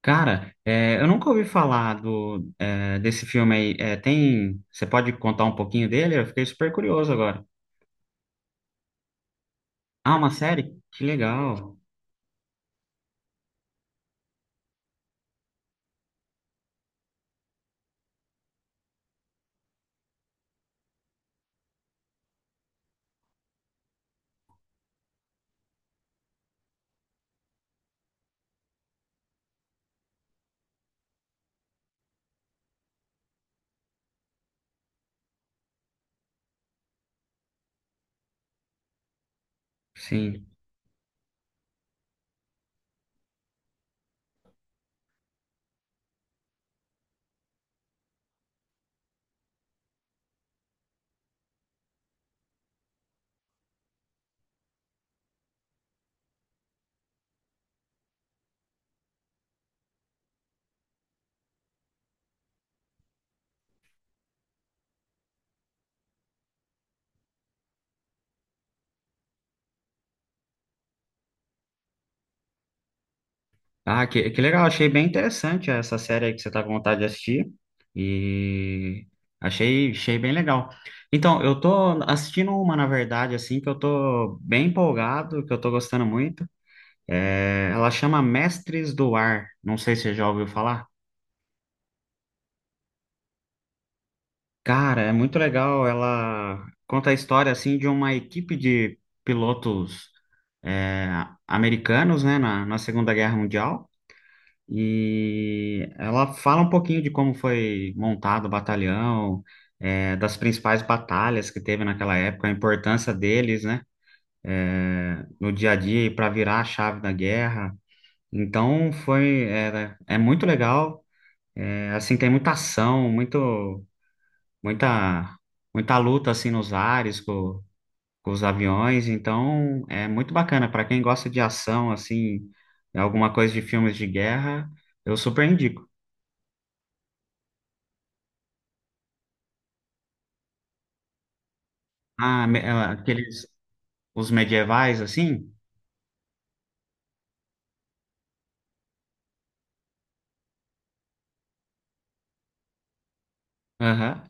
Cara, eu nunca ouvi falar do, desse filme aí. Você pode contar um pouquinho dele? Eu fiquei super curioso agora. Ah, uma série? Que legal. Sim. Ah, que legal. Achei bem interessante essa série aí que você tá com vontade de assistir. E achei bem legal. Então, eu tô assistindo uma, na verdade, assim, que eu tô bem empolgado, que eu tô gostando muito. Ela chama Mestres do Ar. Não sei se você já ouviu falar. Cara, é muito legal. Ela conta a história assim de uma equipe de pilotos é, americanos, né, na Segunda Guerra Mundial. E ela fala um pouquinho de como foi montado o batalhão, das principais batalhas que teve naquela época, a importância deles, né, no dia a dia e para virar a chave da guerra. Então é muito legal. É, assim, tem muita ação, muito muita muita luta assim nos ares com os aviões, então é muito bacana para quem gosta de ação assim, alguma coisa de filmes de guerra, eu super indico. Aqueles os medievais assim? Aham.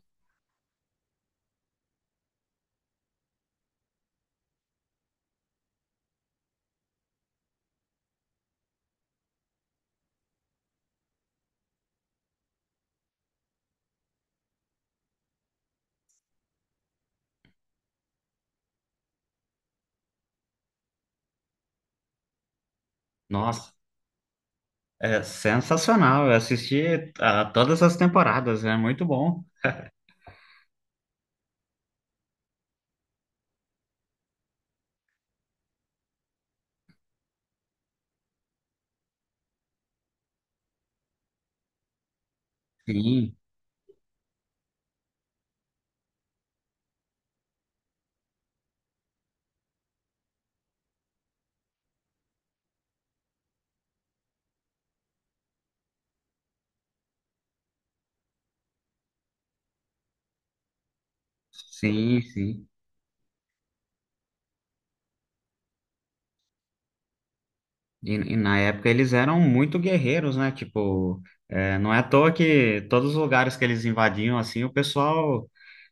Nossa, é sensacional. Eu assisti a todas as temporadas, é muito bom. Sim, sim, sim. E na época eles eram muito guerreiros, né? Tipo, é, não é à toa que todos os lugares que eles invadiam, assim, o pessoal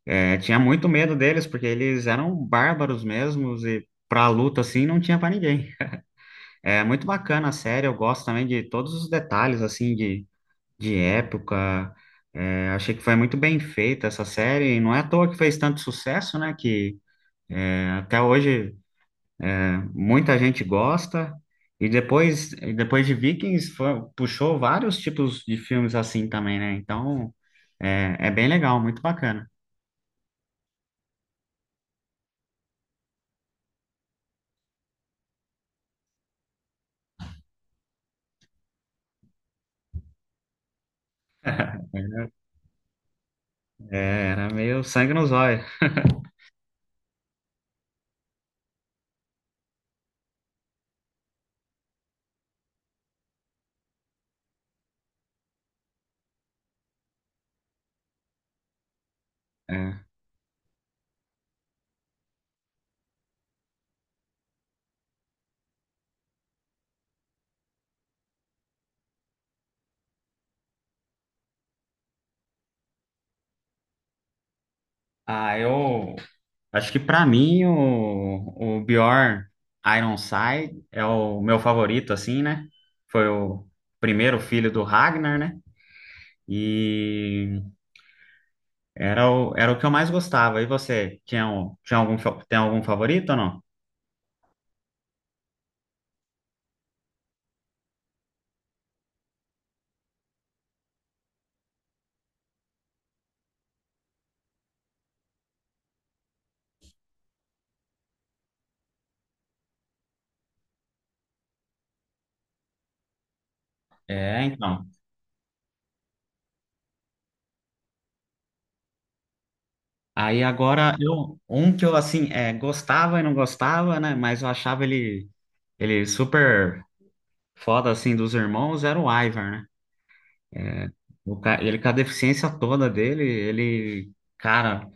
é, tinha muito medo deles, porque eles eram bárbaros mesmos e pra luta, assim, não tinha pra ninguém. É muito bacana a série, eu gosto também de todos os detalhes, assim, de época. É, achei que foi muito bem feita essa série, e não é à toa que fez tanto sucesso, né, que até hoje muita gente gosta. E depois de Vikings, puxou vários tipos de filmes assim também, né? Então, é, é bem legal, muito bacana. É, era meio sangue nos olhos. É. Ah, eu acho que pra mim o Bjorn Ironside é o meu favorito, assim, né? Foi o primeiro filho do Ragnar, né? E era era o que eu mais gostava. E você, tinha algum, tem algum favorito ou não? É, então. Aí agora, eu, um que eu, assim, é, gostava e não gostava, né? Mas eu achava ele super foda, assim, dos irmãos, era o Ivar, né? É, ele com a deficiência toda dele, ele, cara,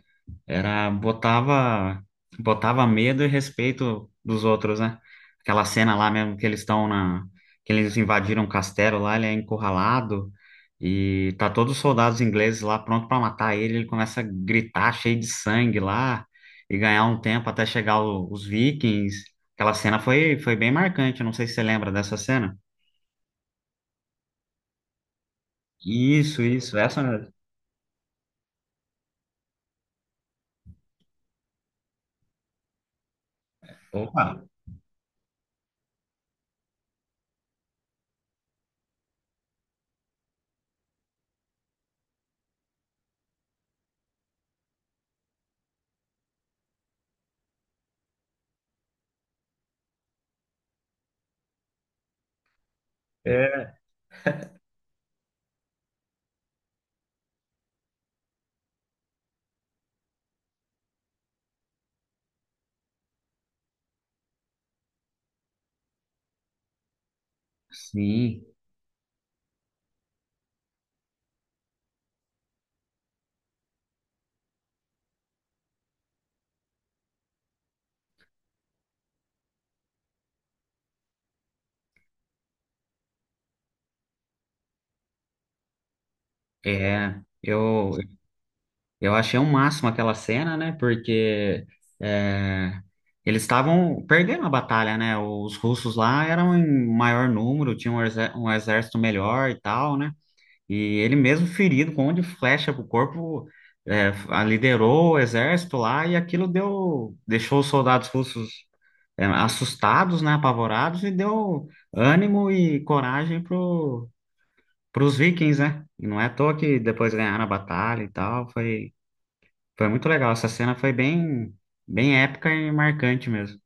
era botava medo e respeito dos outros, né? Aquela cena lá mesmo que eles estão na que eles invadiram o castelo lá, ele é encurralado e tá todos os soldados ingleses lá pronto pra matar ele, ele começa a gritar cheio de sangue lá e ganhar um tempo até chegar os vikings. Aquela cena foi bem marcante, não sei se você lembra dessa cena. Isso, essa mesmo. Opa. Sim, é. Eu achei um máximo aquela cena, né? Porque é, eles estavam perdendo a batalha, né? Os russos lá eram em maior número, tinham um exército melhor e tal, né? E ele mesmo ferido, com um monte de flecha pro corpo, liderou o exército lá e aquilo deixou os soldados russos assustados, né? Apavorados e deu ânimo e coragem para os vikings, né? E não é à toa que depois ganharam a batalha e tal. Foi muito legal. Essa cena foi bem épica e marcante mesmo.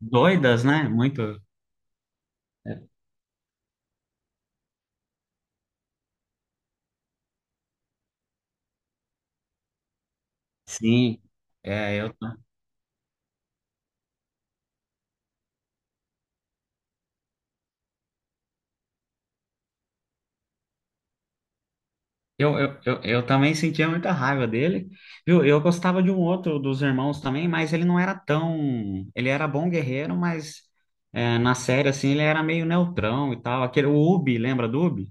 Doidas, né? Muito. Sim. É, eu também sentia muita raiva dele, viu? Eu gostava de um outro dos irmãos também, mas ele não era tão. Ele era bom guerreiro, mas é, na série, assim, ele era meio neutrão e tal. Aquele, o Ubi, lembra do Ubi?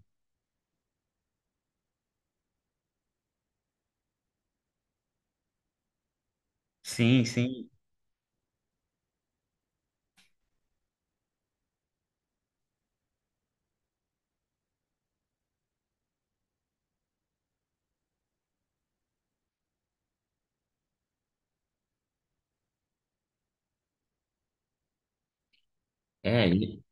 Sim, sim. É, ele-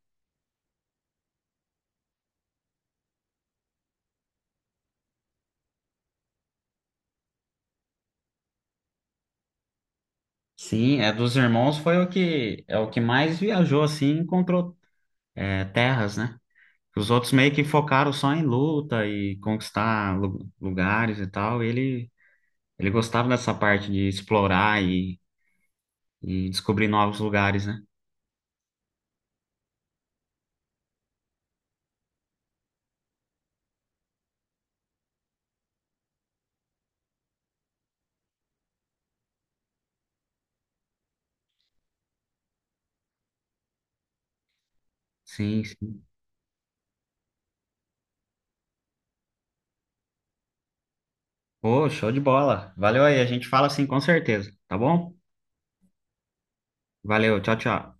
Sim, é dos irmãos foi o que mais viajou assim, e encontrou é, terras, né? Os outros meio que focaram só em luta e conquistar lugares e tal. Ele gostava dessa parte de explorar e descobrir novos lugares, né? Sim, sim. Pô, show de bola. Valeu aí, a gente fala assim com certeza, tá bom? Valeu, tchau, tchau.